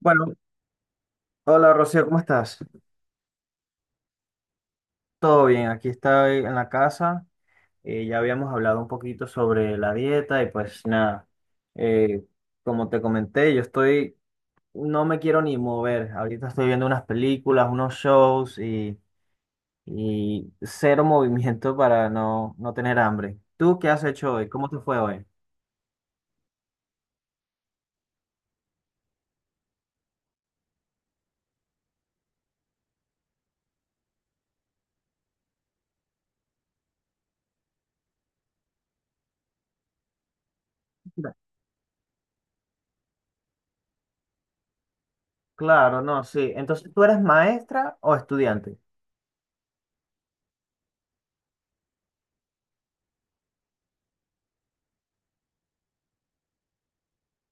Bueno, hola Rocío, ¿cómo estás? Todo bien, aquí estoy en la casa. Ya habíamos hablado un poquito sobre la dieta y pues nada, eh, como te comenté, yo estoy, no me quiero ni mover. Ahorita estoy viendo unas películas, unos shows y cero movimiento para no, no tener hambre. ¿Tú qué has hecho hoy? ¿Cómo te fue hoy? Mira. Claro, no, sí. Entonces, ¿tú eres maestra o estudiante?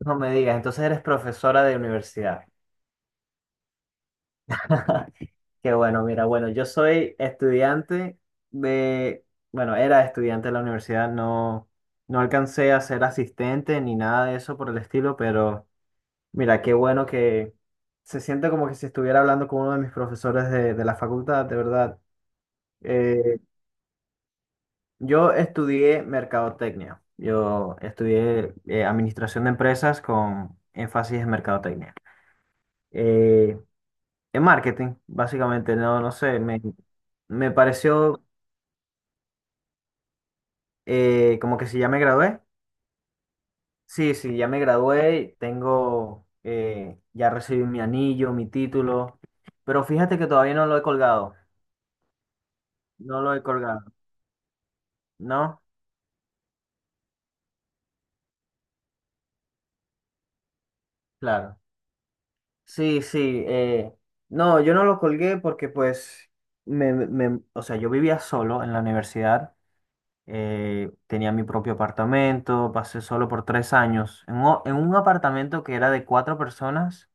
No me digas, entonces eres profesora de universidad. Qué bueno, mira, bueno, yo soy estudiante de, bueno, era estudiante de la universidad, no, no alcancé a ser asistente ni nada de eso por el estilo, pero mira, qué bueno que se siente como que si estuviera hablando con uno de mis profesores de la facultad, de verdad. Eh, yo estudié mercadotecnia, yo estudié administración de empresas con énfasis en mercadotecnia. Eh, en marketing, básicamente, no, no sé, me pareció. Como que si ya me gradué. Sí, sí, ya me gradué, tengo, ya recibí mi anillo, mi título, pero fíjate que todavía no lo he colgado, no lo he colgado, ¿no? Claro. Sí, sí, no, yo no lo colgué porque pues, me, o sea, yo vivía solo en la universidad, tenía mi propio apartamento, pasé solo por tres años, en un apartamento que era de cuatro personas.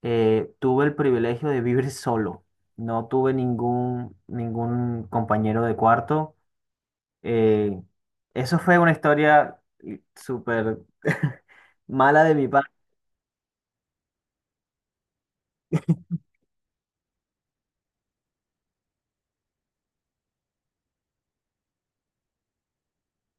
Tuve el privilegio de vivir solo. No tuve ningún, ningún compañero de cuarto. Eh, Eso fue una historia súper mala de mi parte.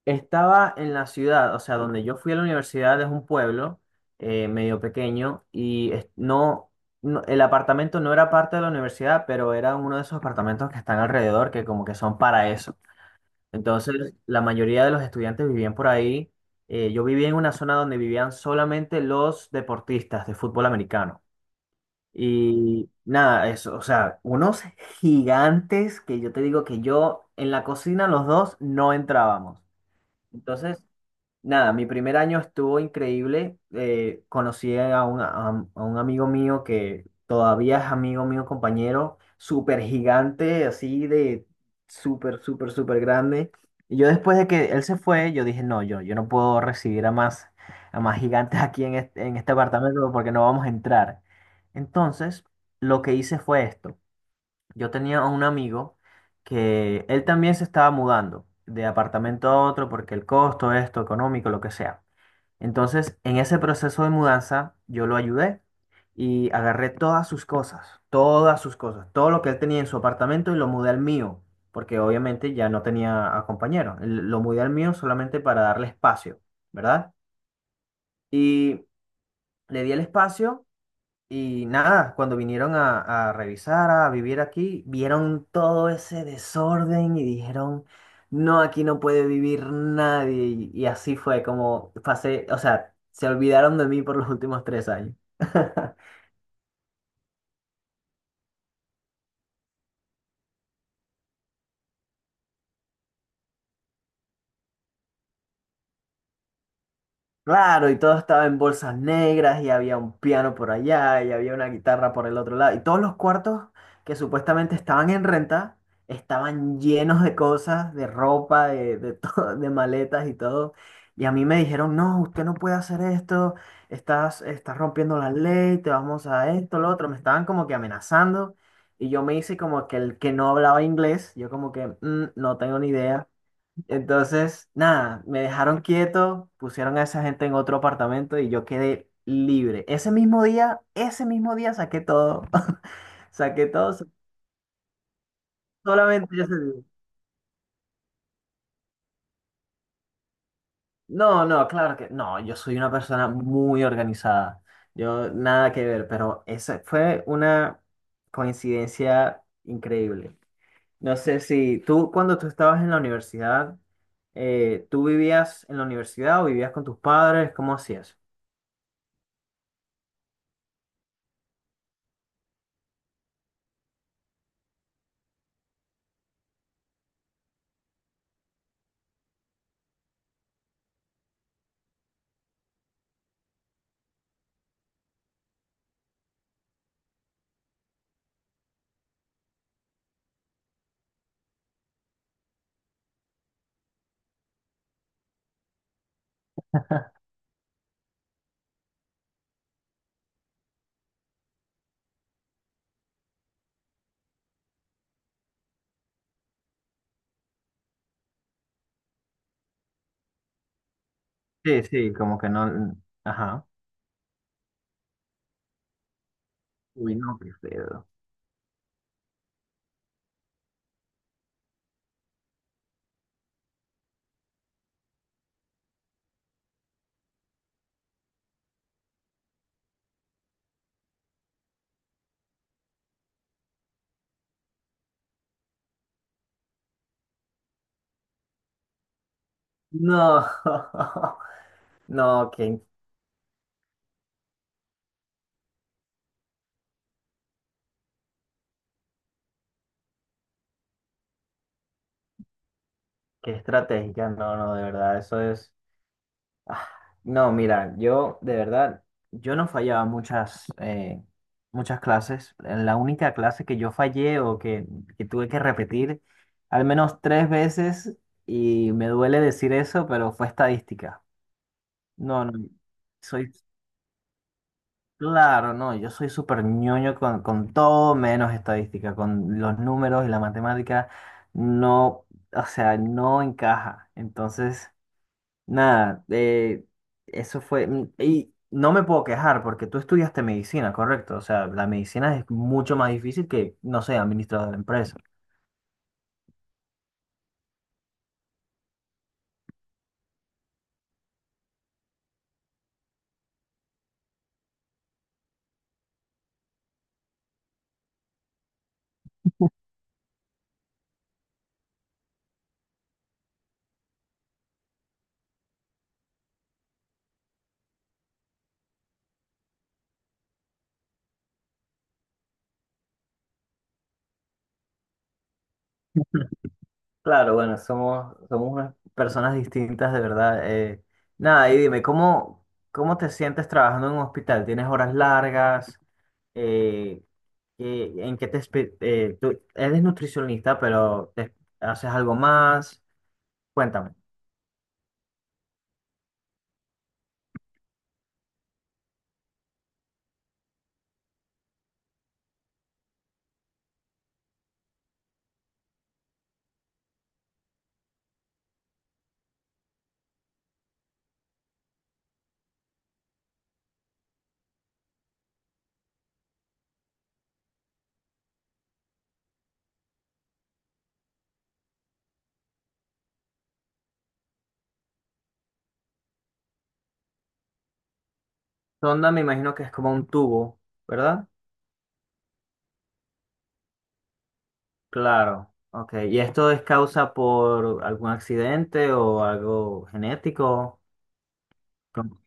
Estaba en la ciudad, o sea, donde yo fui a la universidad es un pueblo medio pequeño y no, el apartamento no era parte de la universidad, pero era uno de esos apartamentos que están alrededor que como que son para eso. Entonces, la mayoría de los estudiantes vivían por ahí. Yo vivía en una zona donde vivían solamente los deportistas de fútbol americano. Y nada, eso, o sea, unos gigantes que yo te digo que yo en la cocina los dos no entrábamos. Entonces, nada, mi primer año estuvo increíble. Conocí a, a un amigo mío que todavía es amigo mío, compañero, súper gigante, así de súper, súper, súper grande. Y yo después de que él se fue, yo dije, no, yo no puedo recibir a más gigantes aquí en este apartamento porque no vamos a entrar. Entonces, lo que hice fue esto. Yo tenía un amigo que él también se estaba mudando de apartamento a otro porque el costo, esto, económico, lo que sea. Entonces, en ese proceso de mudanza, yo lo ayudé y agarré todas sus cosas, todo lo que él tenía en su apartamento y lo mudé al mío, porque obviamente ya no tenía a compañero. Lo mudé al mío solamente para darle espacio, ¿verdad? Y le di el espacio y nada, cuando vinieron a revisar, a vivir aquí, vieron todo ese desorden y dijeron, no, aquí no puede vivir nadie. Y así fue como pasé, o sea, se olvidaron de mí por los últimos tres años. Claro, y todo estaba en bolsas negras y había un piano por allá y había una guitarra por el otro lado. Y todos los cuartos que supuestamente estaban en renta estaban llenos de cosas, de ropa, de todo, de maletas y todo. Y a mí me dijeron, no, usted no puede hacer esto, estás, estás rompiendo la ley, te vamos a esto, lo otro. Me estaban como que amenazando y yo me hice como que el que no hablaba inglés, yo como que "Mm, no tengo ni idea". Entonces, nada, me dejaron quieto, pusieron a esa gente en otro apartamento y yo quedé libre. Ese mismo día saqué todo. Saqué todo, solamente ese día. No, no, claro que no, yo soy una persona muy organizada. Yo nada que ver, pero esa fue una coincidencia increíble. No sé si tú, cuando tú estabas en la universidad, ¿tú vivías en la universidad o vivías con tus padres? ¿Cómo hacías? Sí, sí, como que no. Ajá. Uy, no, qué feo. No, no, qué, qué estrategia, no, no, de verdad, eso es. ah, No, mira, yo, de verdad, yo no fallaba muchas, muchas clases. La única clase que yo fallé o que tuve que repetir al menos tres veces, y me duele decir eso, pero fue estadística. No, no, soy. Claro, no, yo soy súper ñoño con todo menos estadística, con los números y la matemática no, o sea, no encaja. Entonces, nada, eso fue, mm, y no me puedo quejar porque tú estudiaste medicina, correcto, o sea, la medicina es mucho más difícil que, no sé, administrador de empresas. Claro, bueno, somos, somos unas personas distintas, de verdad. Nada, y dime, ¿cómo, cómo te sientes trabajando en un hospital? ¿Tienes horas largas? Eh, ¿Qué- ¿en qué te... tú eres nutricionista, pero haces algo más? Cuéntame. Sonda, me imagino que es como un tubo, ¿verdad? Claro, ok. ¿Y esto es causa por algún accidente o algo genético? Com-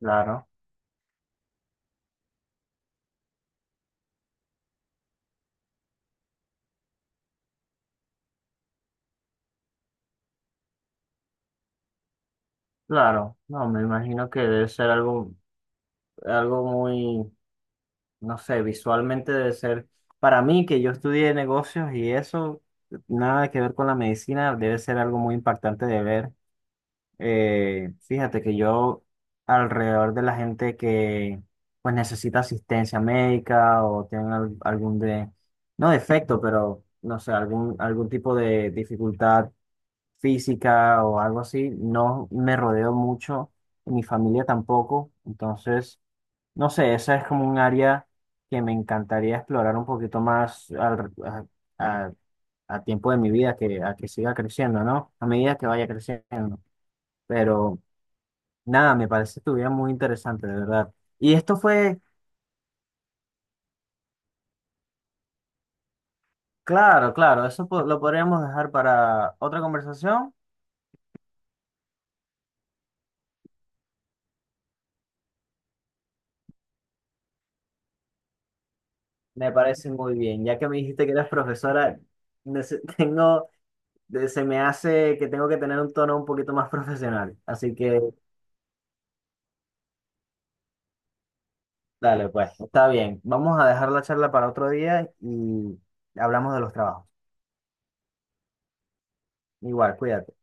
Claro, claro. No, me imagino que debe ser algo, algo muy, no sé, visualmente debe ser, para mí que yo estudié negocios y eso, nada que ver con la medicina, debe ser algo muy impactante de ver. Fíjate que yo alrededor de la gente que pues necesita asistencia médica o tienen algún de, no defecto, pero no sé, algún, algún tipo de dificultad física o algo así, no me rodeo mucho, mi familia tampoco, entonces... No sé, esa es como un área que me encantaría explorar un poquito más a- a tiempo de mi vida, que, a que siga creciendo, ¿no? A medida que vaya creciendo. Pero nada, me parece tu vida muy interesante, de verdad. Y esto fue, claro, claro, eso lo podríamos dejar para otra conversación. Me parece muy bien, ya que me dijiste que eras profesora, tengo, se me hace que tengo que tener un tono un poquito más profesional. Así que... Dale, pues, está bien. Vamos a dejar la charla para otro día y hablamos de los trabajos. Igual, cuídate.